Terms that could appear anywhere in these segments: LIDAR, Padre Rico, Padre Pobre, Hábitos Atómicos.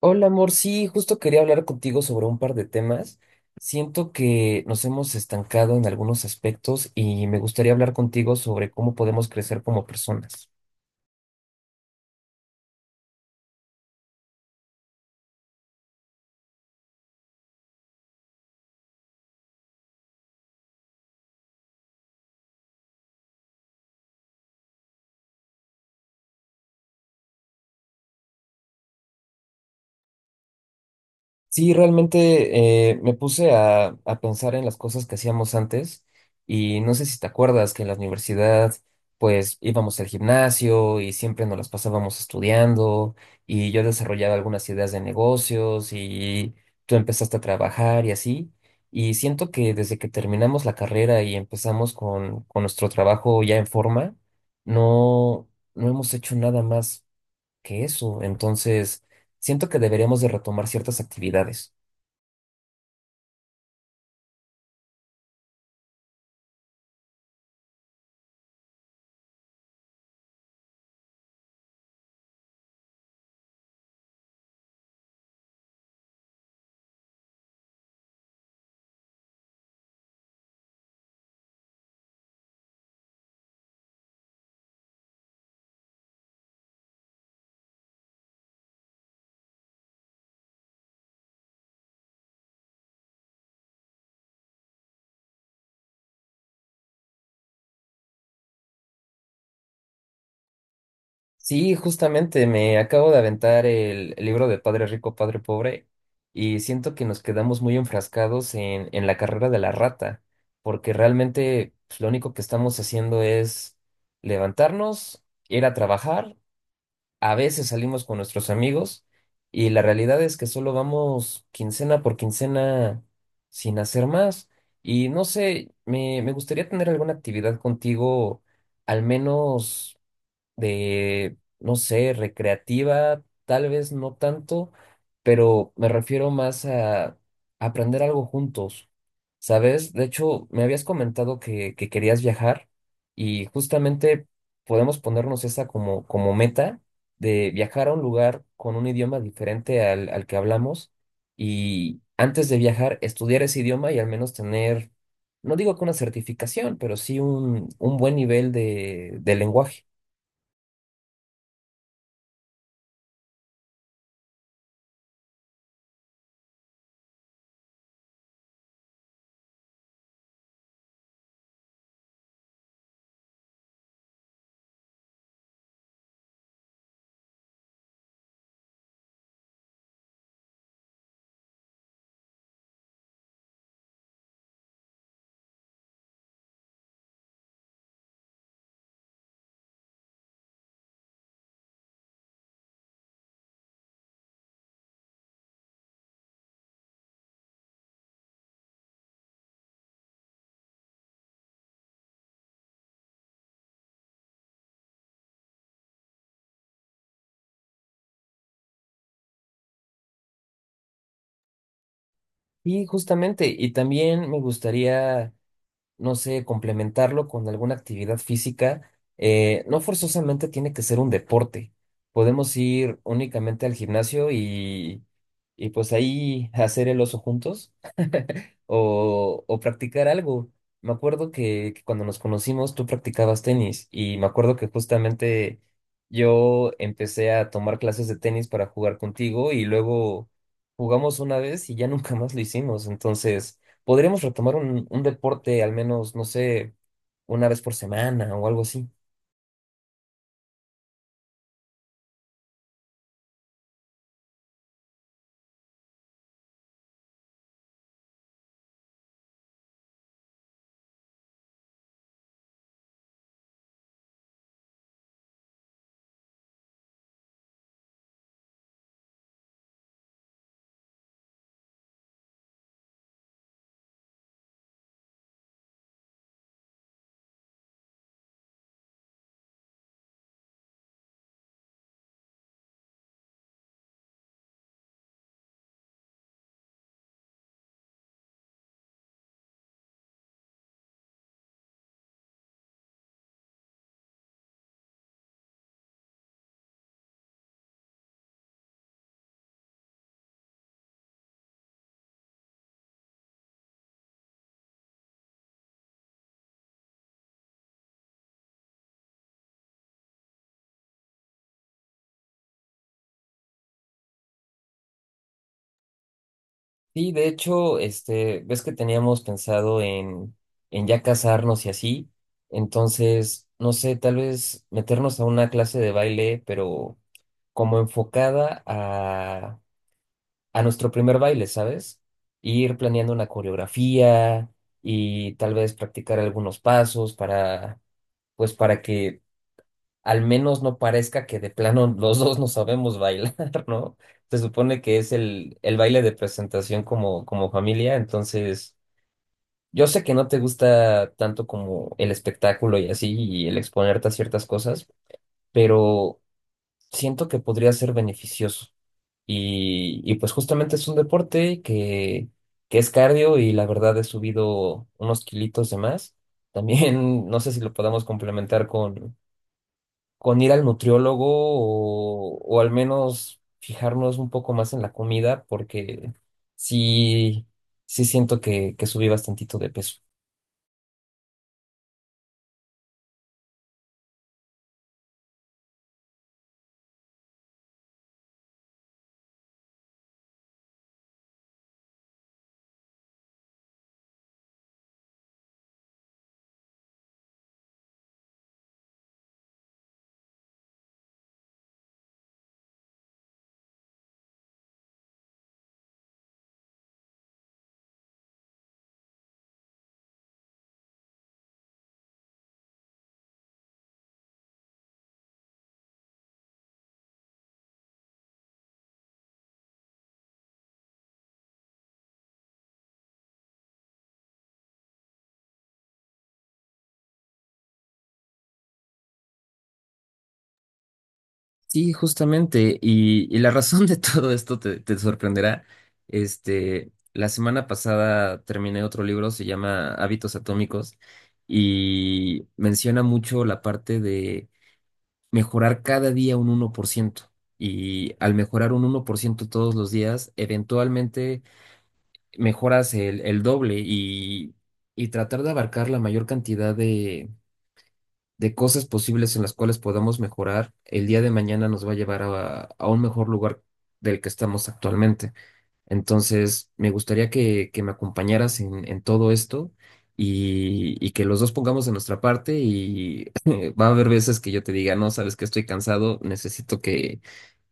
Hola, amor. Sí, justo quería hablar contigo sobre un par de temas. Siento que nos hemos estancado en algunos aspectos y me gustaría hablar contigo sobre cómo podemos crecer como personas. Sí, realmente me puse a pensar en las cosas que hacíamos antes y no sé si te acuerdas que en la universidad pues íbamos al gimnasio y siempre nos las pasábamos estudiando y yo desarrollaba algunas ideas de negocios y tú empezaste a trabajar y así. Y siento que desde que terminamos la carrera y empezamos con nuestro trabajo ya en forma, no, no hemos hecho nada más que eso. Entonces, siento que deberíamos de retomar ciertas actividades. Sí, justamente me acabo de aventar el libro de Padre Rico, Padre Pobre y siento que nos quedamos muy enfrascados en la carrera de la rata, porque realmente pues, lo único que estamos haciendo es levantarnos, ir a trabajar. A veces salimos con nuestros amigos y la realidad es que solo vamos quincena por quincena sin hacer más. Y no sé, me gustaría tener alguna actividad contigo, al menos de, no sé, recreativa, tal vez no tanto, pero me refiero más a aprender algo juntos, ¿sabes? De hecho, me habías comentado que querías viajar y justamente podemos ponernos esa como, como meta de viajar a un lugar con un idioma diferente al que hablamos y antes de viajar estudiar ese idioma y al menos tener, no digo que una certificación, pero sí un buen nivel de lenguaje. Y justamente, y también me gustaría no sé, complementarlo con alguna actividad física, no forzosamente tiene que ser un deporte. Podemos ir únicamente al gimnasio y pues ahí hacer el oso juntos o practicar algo. Me acuerdo que cuando nos conocimos tú practicabas tenis y me acuerdo que justamente yo empecé a tomar clases de tenis para jugar contigo y luego jugamos una vez y ya nunca más lo hicimos. Entonces, podríamos retomar un deporte al menos, no sé, una vez por semana o algo así. Sí, de hecho, este, ves que teníamos pensado en ya casarnos y así. Entonces, no sé, tal vez meternos a una clase de baile, pero como enfocada a nuestro primer baile, ¿sabes? Ir planeando una coreografía y tal vez practicar algunos pasos para, pues para que al menos no parezca que de plano los dos no sabemos bailar, ¿no? Se supone que es el baile de presentación como, como familia, entonces yo sé que no te gusta tanto como el espectáculo y así, y el exponerte a ciertas cosas, pero siento que podría ser beneficioso. Y pues justamente es un deporte que es cardio y la verdad he subido unos kilitos de más. También no sé si lo podamos complementar con ir al nutriólogo o al menos fijarnos un poco más en la comida, porque sí, sí siento que subí bastantito de peso. Sí, justamente. Y la razón de todo esto te sorprenderá. Este, la semana pasada terminé otro libro, se llama Hábitos Atómicos, y menciona mucho la parte de mejorar cada día un 1%. Y al mejorar un 1% todos los días, eventualmente mejoras el doble y tratar de abarcar la mayor cantidad de cosas posibles en las cuales podamos mejorar, el día de mañana nos va a llevar a un mejor lugar del que estamos actualmente. Entonces, me gustaría que me acompañaras en todo esto y que los dos pongamos de nuestra parte y va a haber veces que yo te diga, no, sabes que estoy cansado, necesito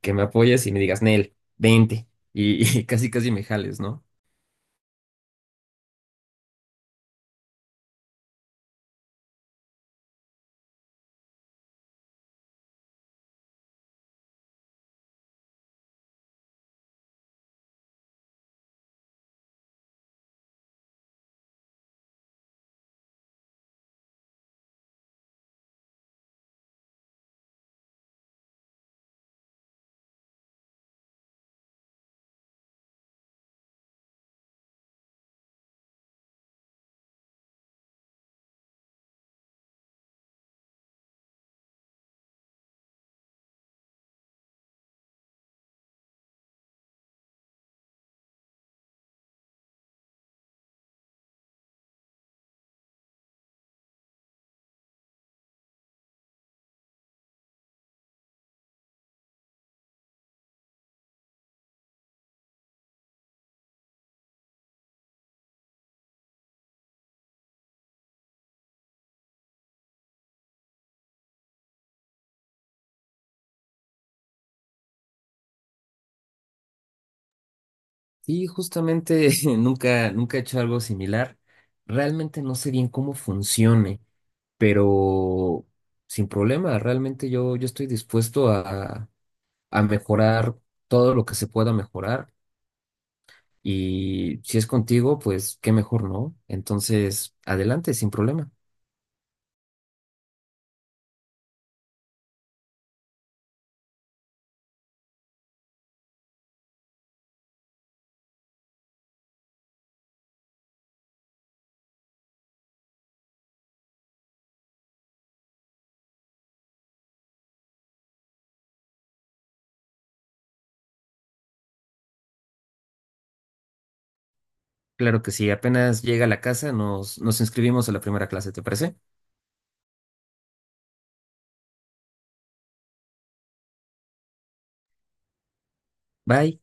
que me apoyes y me digas, Nel, vente. Y y casi casi me jales, ¿no? Sí, justamente nunca he hecho algo similar. Realmente no sé bien cómo funcione, pero sin problema, realmente yo estoy dispuesto a mejorar todo lo que se pueda mejorar. Y si es contigo, pues qué mejor, ¿no? Entonces, adelante, sin problema. Claro que sí, apenas llega a la casa, nos inscribimos a la primera clase, ¿te parece? Bye.